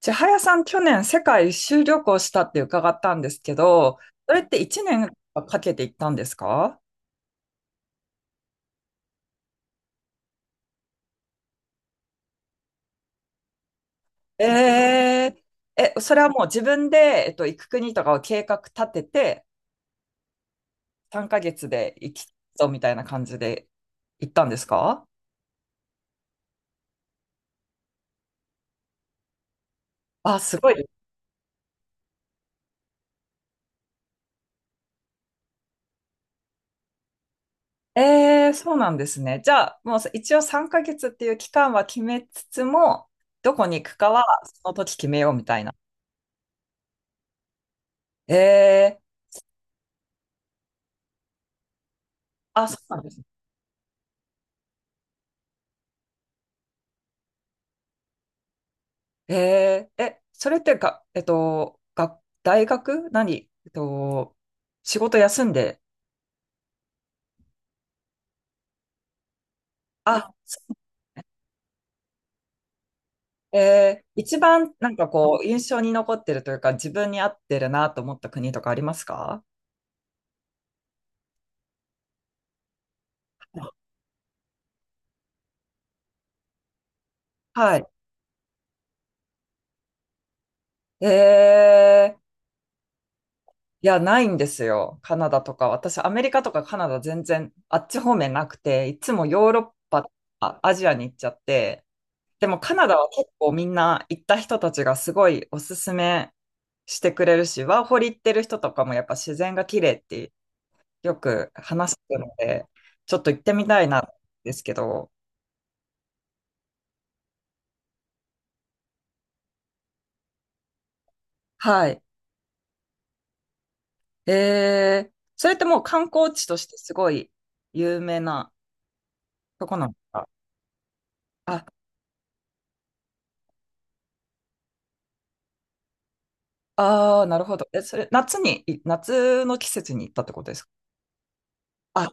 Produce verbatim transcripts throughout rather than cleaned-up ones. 千早さん、去年世界一周旅行したって伺ったんですけど、それっていちねんかけて行ったんですか？ええ、え、それはもう自分で、えっと、行く国とかを計画立てて、さんかげつで行きそうみたいな感じで行ったんですか？あ、すごい。ええ、そうなんですね。じゃあ、もう一応さんかげつっていう期間は決めつつも、どこに行くかはその時決めようみたいな。ええ。あ、そうなんです。えー、え、それってが、えっと、が、大学何えっと、仕事休んで、あ、えー、一番なんかこう、印象に残ってるというか、自分に合ってるなと思った国とかありますか？はい。えー、いや、ないんですよ。カナダとか。私、アメリカとかカナダ全然、あっち方面なくて、いつもヨーロッパとか、アジアに行っちゃって、でもカナダは結構みんな行った人たちがすごいおすすめしてくれるし、ワーホリ行ってる人とかもやっぱ自然が綺麗ってよく話すので、ちょっと行ってみたいなんですけど、はい。えー、それってもう観光地としてすごい有名なとこなんですか？あ、あー、なるほど。え、それ夏に、い夏の季節に行ったってことですか？あ、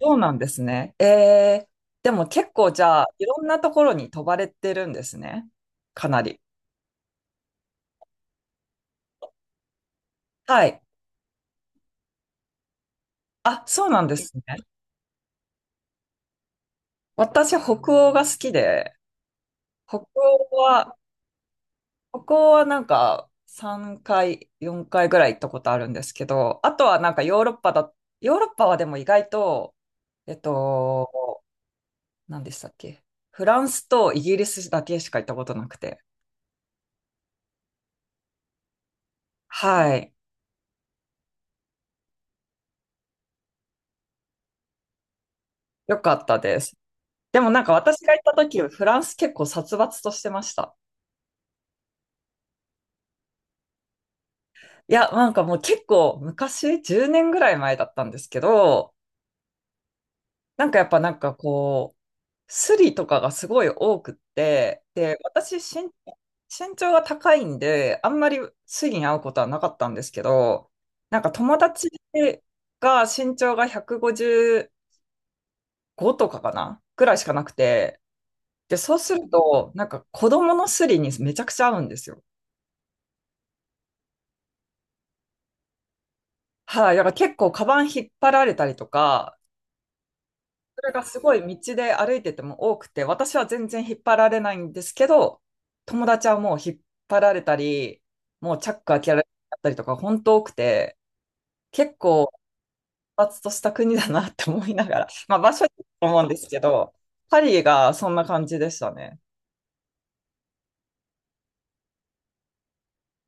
そうなんですね。ええ、でも結構じゃあ、いろんなところに飛ばれてるんですね。かなり。はい。あ、そうなんですね。私、北欧が好きで、北欧は、北欧はなんかさんかい、よんかいぐらい行ったことあるんですけど、あとはなんかヨーロッパだ、ヨーロッパはでも意外と、えっと、何でしたっけ？フランスとイギリスだけしか行ったことなくて。はい。よかったです。でもなんか私が行った時、フランス結構殺伐としてました。いや、なんかもう結構昔、じゅうねんぐらい前だったんですけど、なんかやっぱなんかこう、スリとかがすごい多くって、で、私身、身長が高いんで、あんまりスリに会うことはなかったんですけど、なんか友達が身長がひゃくごじゅうごとかかなぐらいしかなくて、で、そうすると、なんか子供のスリにめちゃくちゃ合うんですよ。はい、だから結構カバン引っ張られたりとか、それがすごい道で歩いてても多くて、私は全然引っ張られないんですけど、友達はもう引っ張られたり、もうチャック開けられたりとか、本当多くて、結構発達とした国だなって思いながら、まあ場所によると思うんですけど、パリがそんな感じでしたね。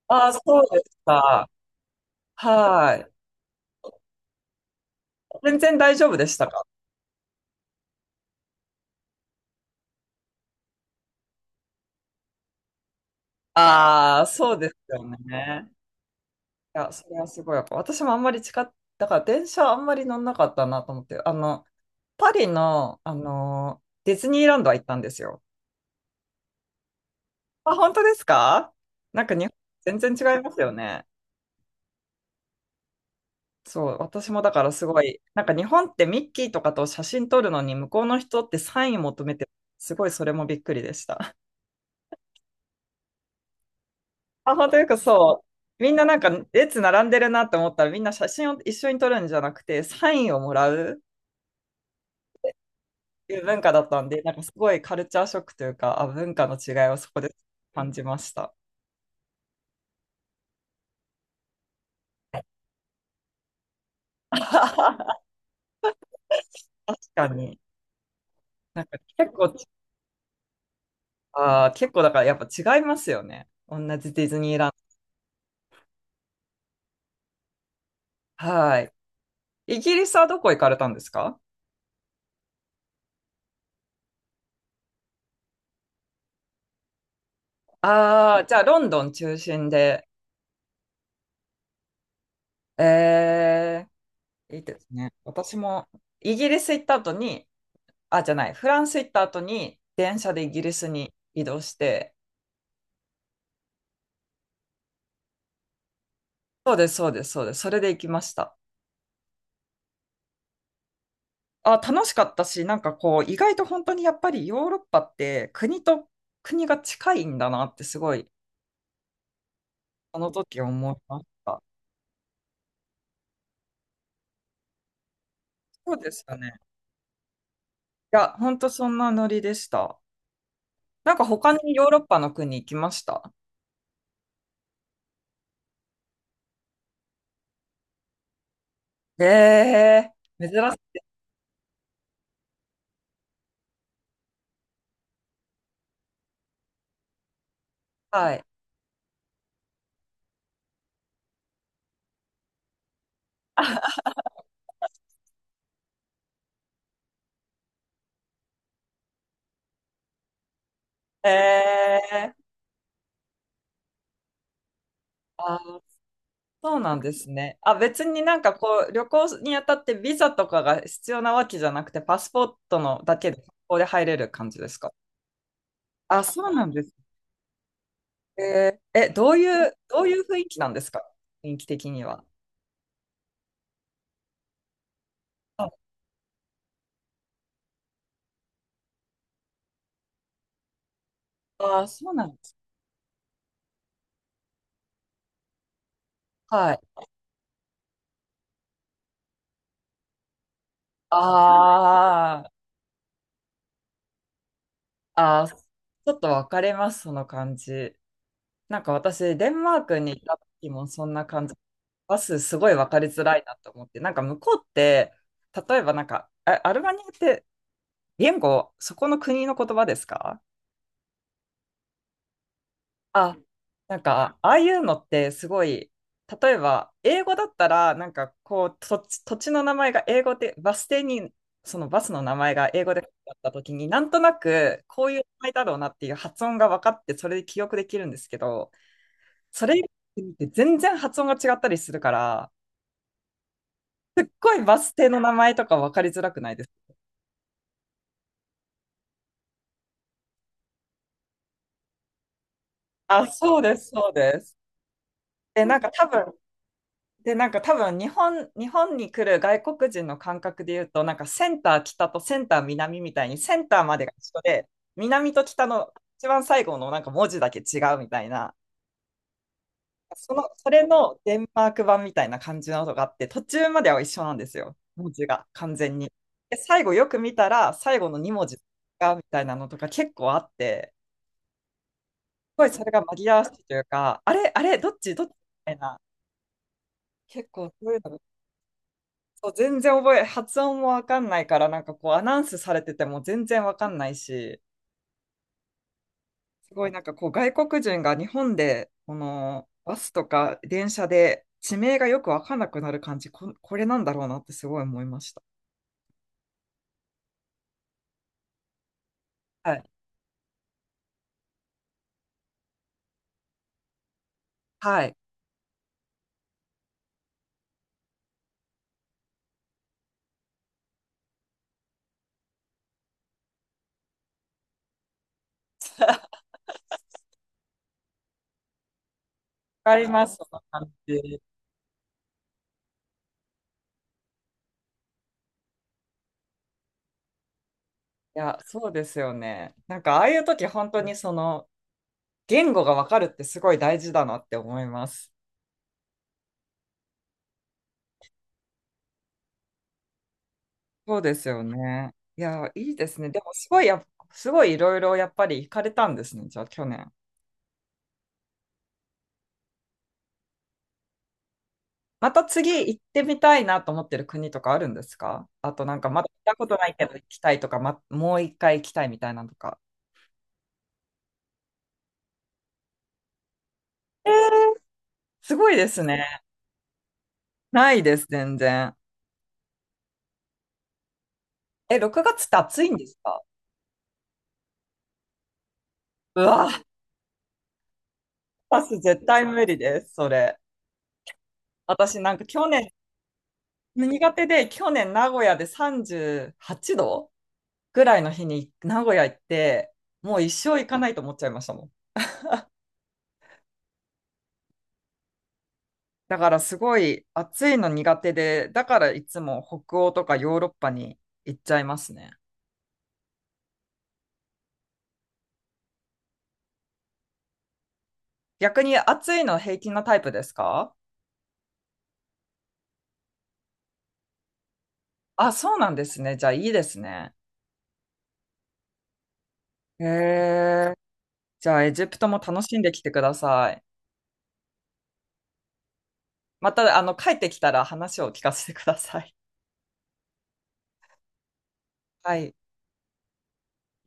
ああ、そうですか。はい。全然大丈夫でしたか？ああ、そうですよね。いや、それはすごいやっぱ私もあんまり近っ、だから電車あんまり乗んなかったなと思って、あの、パリの、あの、ディズニーランドは行ったんですよ。あ、本当ですか？なんか日本、全然違いますよね。そう、私もだからすごい、なんか日本ってミッキーとかと写真撮るのに向こうの人ってサイン求めて、すごいそれもびっくりでした。あ、本当よくそう。みんななんか列並んでるなって思ったらみんな写真を一緒に撮るんじゃなくてサインをもらう。いう文化だったんで、なんかすごいカルチャーショックというか、あ、文化の違いをそこで感じました。確かに。なんか結構、あー、結構だからやっぱ違いますよね。同じディズニーランド。はい。イギリスはどこ行かれたんですか？ああー、じゃあロンドン中心で。えー、いいですね。私もイギリス行った後に、あ、じゃない、フランス行った後に電車でイギリスに移動して、そうです、そうです、そうです。それで行きました。あ、楽しかったし、なんかこう、意外と本当にやっぱりヨーロッパって国と国が近いんだなってすごい、あの時思いました。そうでしたね。いや、本当そんなノリでした。なんか他にヨーロッパの国行きました？えー、珍しい。はい。えー、あ、そうなんですね。あ、別になんかこう、旅行にあたってビザとかが必要なわけじゃなくて、パスポートのだけで、ここで入れる感じですか？あ、そうなんですね。えー、え、どういう、どういう雰囲気なんですか？雰囲気的には。あ、あー、そうなんです。はい。あーあー、ちょっと分かれます、その感じ。なんか私、デンマークに行った時もそんな感じ。バスすごい分かりづらいなと思って、なんか向こうって、例えばなんか、あアルバニアって言語、そこの国の言葉ですか？あ、なんか、ああいうのってすごい、例えば、英語だったら、なんかこう、土地、土地の名前が英語で、バス停に、そのバスの名前が英語で書いてあった時に、なんとなく、こういう名前だろうなっていう発音が分かって、それで記憶できるんですけど、それって全然発音が違ったりするから、すっごいバス停の名前とか分かりづらくないですか？あ、そうです、そうです。え、なんか多分、で、なんか多分日本、日本に来る外国人の感覚で言うと、なんかセンター北とセンター南みたいに、センターまでが一緒で、南と北の一番最後のなんか文字だけ違うみたいな、その、それのデンマーク版みたいな感じの音があって、途中までは一緒なんですよ、文字が完全に。で、最後よく見たら、最後のに文字がみたいなのとか結構あって、すごいそれが紛らわしいというか、あれ、あれ、どっち、どっちみたいな、結構そういうのがそう全然覚え、発音もわかんないから、なんかこうアナウンスされてても全然わかんないし、すごいなんかこう外国人が日本で、このバスとか電車で地名がよくわかんなくなる感じ、こ、これなんだろうなってすごい思いました。はい。はい。わかります、その感じ。いや、そうですよね。なんかああいう時本当にその言語がわかるってすごい大事だなって思います。そうですよね。いや、いいですね。でも、すごいや、すごいいろいろやっぱり行かれたんですね、じゃあ、去年。また次行ってみたいなと思ってる国とかあるんですか？あと、なんか、まだ行ったことないけど行きたいとか、ま、もう一回行きたいみたいなのとか。えー、すごいですね。ないです、全然。え、ろくがつって暑いんですか？うわ、私絶対無理です、それ。私なんか去年、苦手で、去年名古屋でさんじゅうはちどぐらいの日に名古屋行って、もう一生行かないと思っちゃいましたもん。だからすごい暑いの苦手で、だからいつも北欧とかヨーロッパに行っちゃいますね。逆に暑いの平均のタイプですか？あ、そうなんですね。じゃあいいですね。へえ。じゃあエジプトも楽しんできてください。また、あの、帰ってきたら話を聞かせてください。はい。